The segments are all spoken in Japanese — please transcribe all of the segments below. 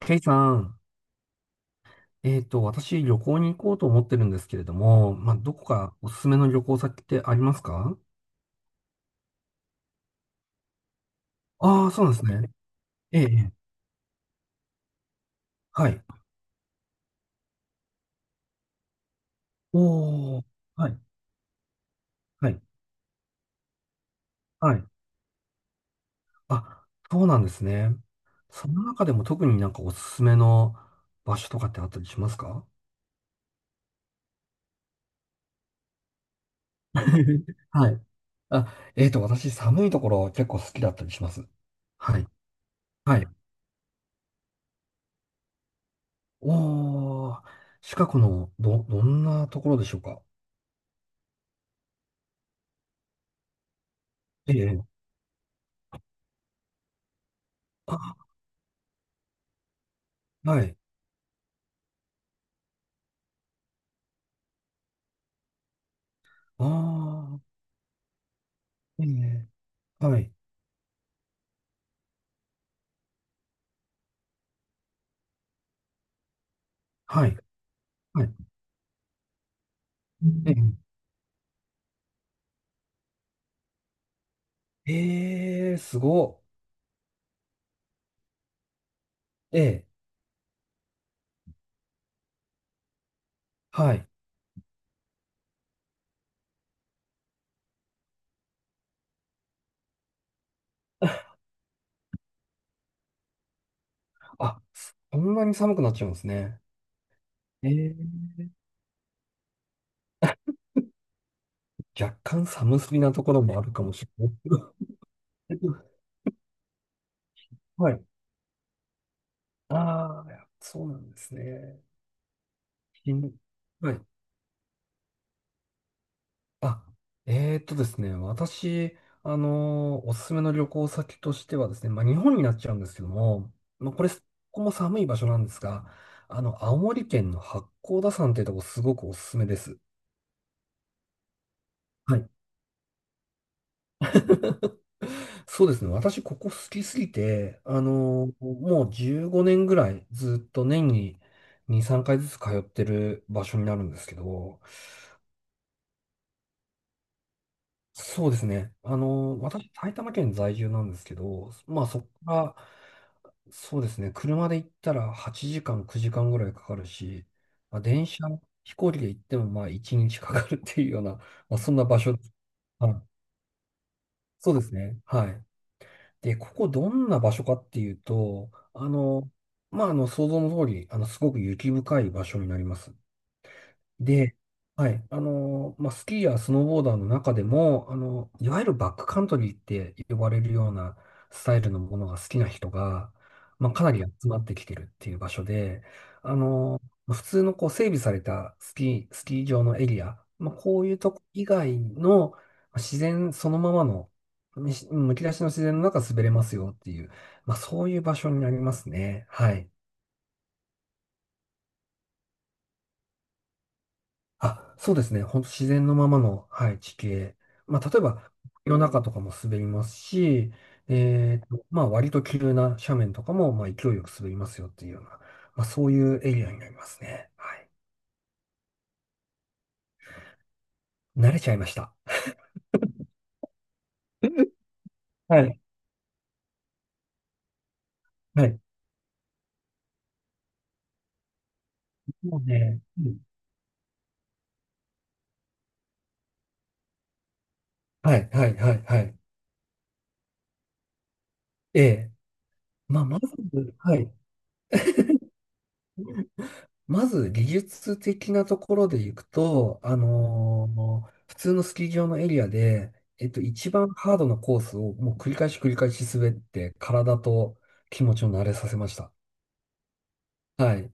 ケイさん、私、旅行に行こうと思ってるんですけれども、まあ、どこかおすすめの旅行先ってありますか？ああー、そうなんですね。ええ、ええ、はい。おー、はい、はい、はい。あ、そうなんですね。その中でも特になんかおすすめの場所とかってあったりしますか？ はい。あ、私、寒いところ結構好きだったりします。はい、はい。おー、近くのどんなところでしょうか？ええ、あ、はい。ああ、いいね。はい。はい。はい。えええー、すごっ。ええ。はい。あ、そんなに寒くなっちゃうんですね。ええ。若干寒すぎなところもあるかもしれない。はい。ああ、そうなんですね。しんど、はい、あ、ですね、私、おすすめの旅行先としてはですね、まあ、日本になっちゃうんですけども、まあ、ここも寒い場所なんですが、青森県の八甲田山っていうとこすごくおすすめです。はい。そうですね、私、ここ好きすぎて、もう15年ぐらいずっと年に2、3回ずつ通ってる場所になるんですけど、そうですね、私、埼玉県在住なんですけど、まあ、そこから、そうですね。車で行ったら8時間、9時間ぐらいかかるし、まあ、電車、飛行機で行ってもまあ1日かかるっていうような、まあ、そんな場所。はい。そうですね。はい。で、ここどんな場所かっていうと、想像の通り、すごく雪深い場所になります。で、はい、まあ、スキーやスノーボーダーの中でも、いわゆるバックカントリーって呼ばれるようなスタイルのものが好きな人が、まあ、かなり集まってきてるっていう場所で、まあ普通のこう整備されたスキー場のエリア、まあ、こういうとこ以外のまあ自然そのままの、むき出しの自然の中滑れますよっていう、まあ、そういう場所になりますね。はい。あ、そうですね。本当自然のままの、はい、地形。まあ、例えば、夜中とかも滑りますし、まあ、割と急な斜面とかも、まあ、勢いよく滑りますよっていうような、まあ、そういうエリアになりますね。はい。慣れちゃいました。はい。はい。もうね、うん、はい、はい、はい、はい。ええ。まあ、まず、はい。まず技術的なところでいくと、普通のスキー場のエリアで、一番ハードなコースをもう繰り返し繰り返し滑って、体と気持ちを慣れさせました。はい。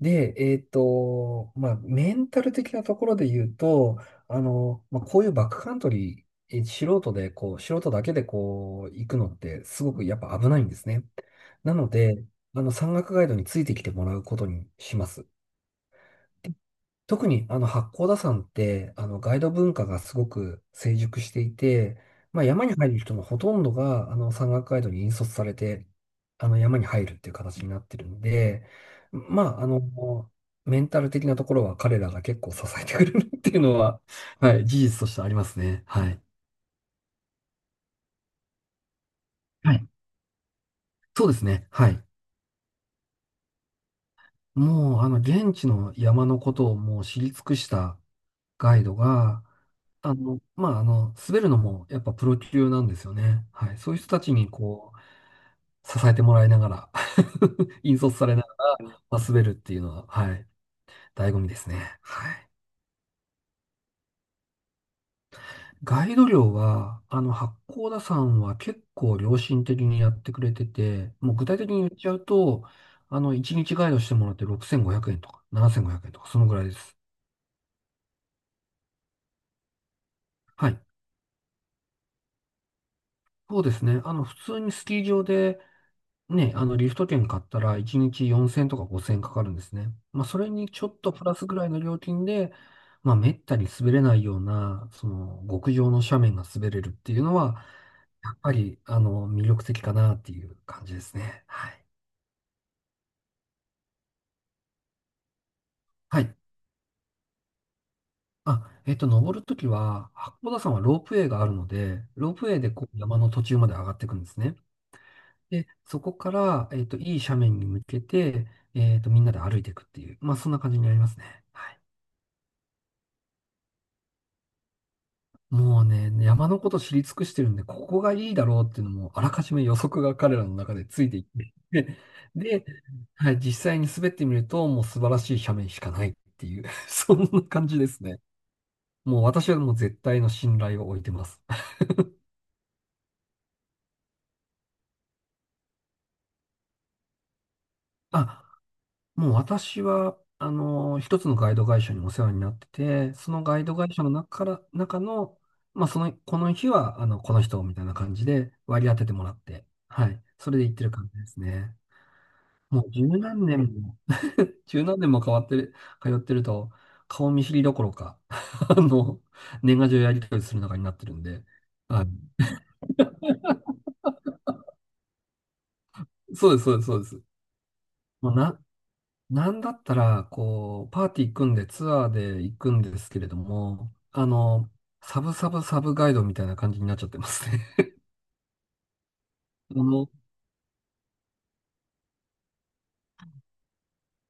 で、まあ、メンタル的なところで言うと、まあ、こういうバックカントリー、素人で、こう、素人だけでこう、行くのってすごくやっぱ危ないんですね。なので、山岳ガイドについてきてもらうことにします。特にあの八甲田山ってあのガイド文化がすごく成熟していて、まあ、山に入る人のほとんどがあの山岳ガイドに引率されてあの山に入るっていう形になってるんで、まあ、メンタル的なところは彼らが結構支えてくれるっていうのは、はい、事実としてありますね。はい。はい。そうですね。はい。もう、現地の山のことをもう知り尽くしたガイドが、滑るのもやっぱプロ級なんですよね。はい。そういう人たちにこう、支えてもらいながら 引率されながら滑るっていうのは、はい、醍醐味ですね。はい。ガイド料は、八甲田山は結構良心的にやってくれてて、もう具体的に言っちゃうと、1日ガイドしてもらって6500円とか7500円とか、そのぐらいです。はい。そうですね。普通にスキー場で、ね、リフト券買ったら1日4000とか5000かかるんですね。まあ、それにちょっとプラスぐらいの料金で、まあ、めったに滑れないような、極上の斜面が滑れるっていうのは、やっぱり、魅力的かなっていう感じですね。はい。はい。あ、登るときは、八甲田山はロープウェイがあるので、ロープウェイでこう山の途中まで上がっていくんですね。で、そこから、いい斜面に向けて、みんなで歩いていくっていう、まあ、そんな感じになりますね。はい。もうね、山のこと知り尽くしてるんで、ここがいいだろうっていうのも、あらかじめ予測が彼らの中でついていって、で、はい、実際に滑ってみると、もう素晴らしい斜面しかないっていう、そんな感じですね。もう私はもう絶対の信頼を置いてます。あ、もう私は、一つのガイド会社にお世話になってて、そのガイド会社の中から、中の、まあ、この日は、この人みたいな感じで割り当ててもらって、はい。それで行ってる感じですね。もう十何年も、十何年も変わってる、通ってると、顔見知りどころか、あの、年賀状やり取りする中になってるんで、はい。そうです、そうです、そうです。もうな、なんだったら、こう、パーティー組んでツアーで行くんですけれども、サブサブサブガイドみたいな感じになっちゃってますね。あの、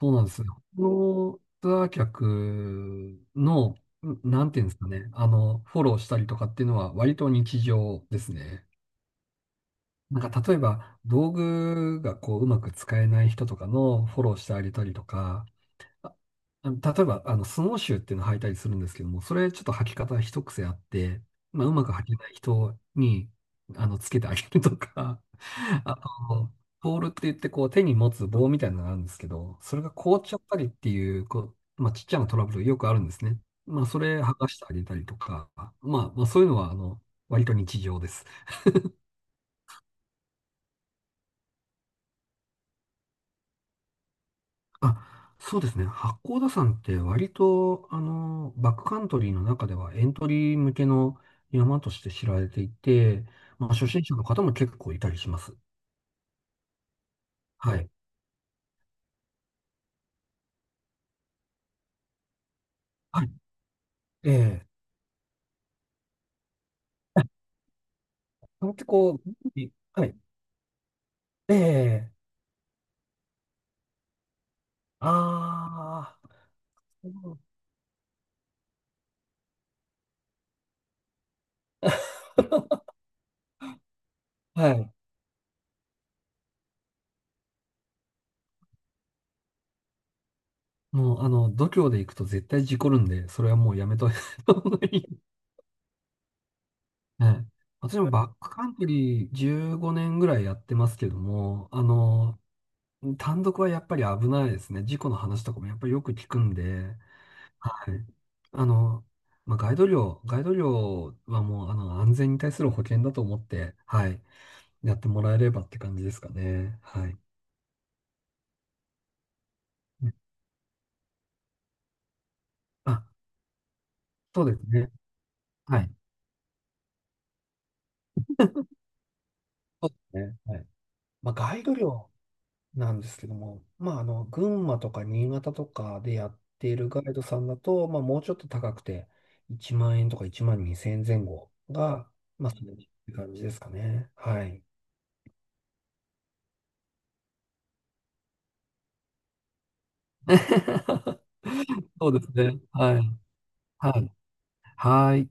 そうなんですよ。このツアー客の、なんていうんですかね、フォローしたりとかっていうのは割と日常ですね。なんか例えば、道具がこう、うまく使えない人とかのフォローしてあげたりとか、あ例えば、スノーシューっていうのを履いたりするんですけども、それちょっと履き方一癖あって、まあ、うまく履けない人に、つけてあげるとか、あと、ポールって言ってこう手に持つ棒みたいなのがあるんですけど、それが凍っちゃったりっていう、こう、まあ、ちっちゃなトラブルよくあるんですね。まあ、それ剥がしてあげたりとか、まあ、そういうのは、割と日常です。あ、そうですね。八甲田山って割と、バックカントリーの中ではエントリー向けの山として知られていて、まあ、初心者の方も結構いたりします。はい。はい。ええ。なんてこう、はい。ええ、ああ、はい。もう、度胸で行くと絶対事故るんで、それはもうやめといた方がいい。はい。私もバックカントリー15年ぐらいやってますけども、単独はやっぱり危ないですね。事故の話とかもやっぱりよく聞くんで、はい。あの、まあ、ガイド料はもう、安全に対する保険だと思って、はい、やってもらえればって感じですかね。はい。あ、そうですね。はい。そうですね。はい。まあ、ガイド料なんですけども、まあ、群馬とか新潟とかでやっているガイドさんだと、まあ、もうちょっと高くて、1万円とか1万2千円前後が、まあ、それって感じですかね。はい。そうですね。はい。はい。はい。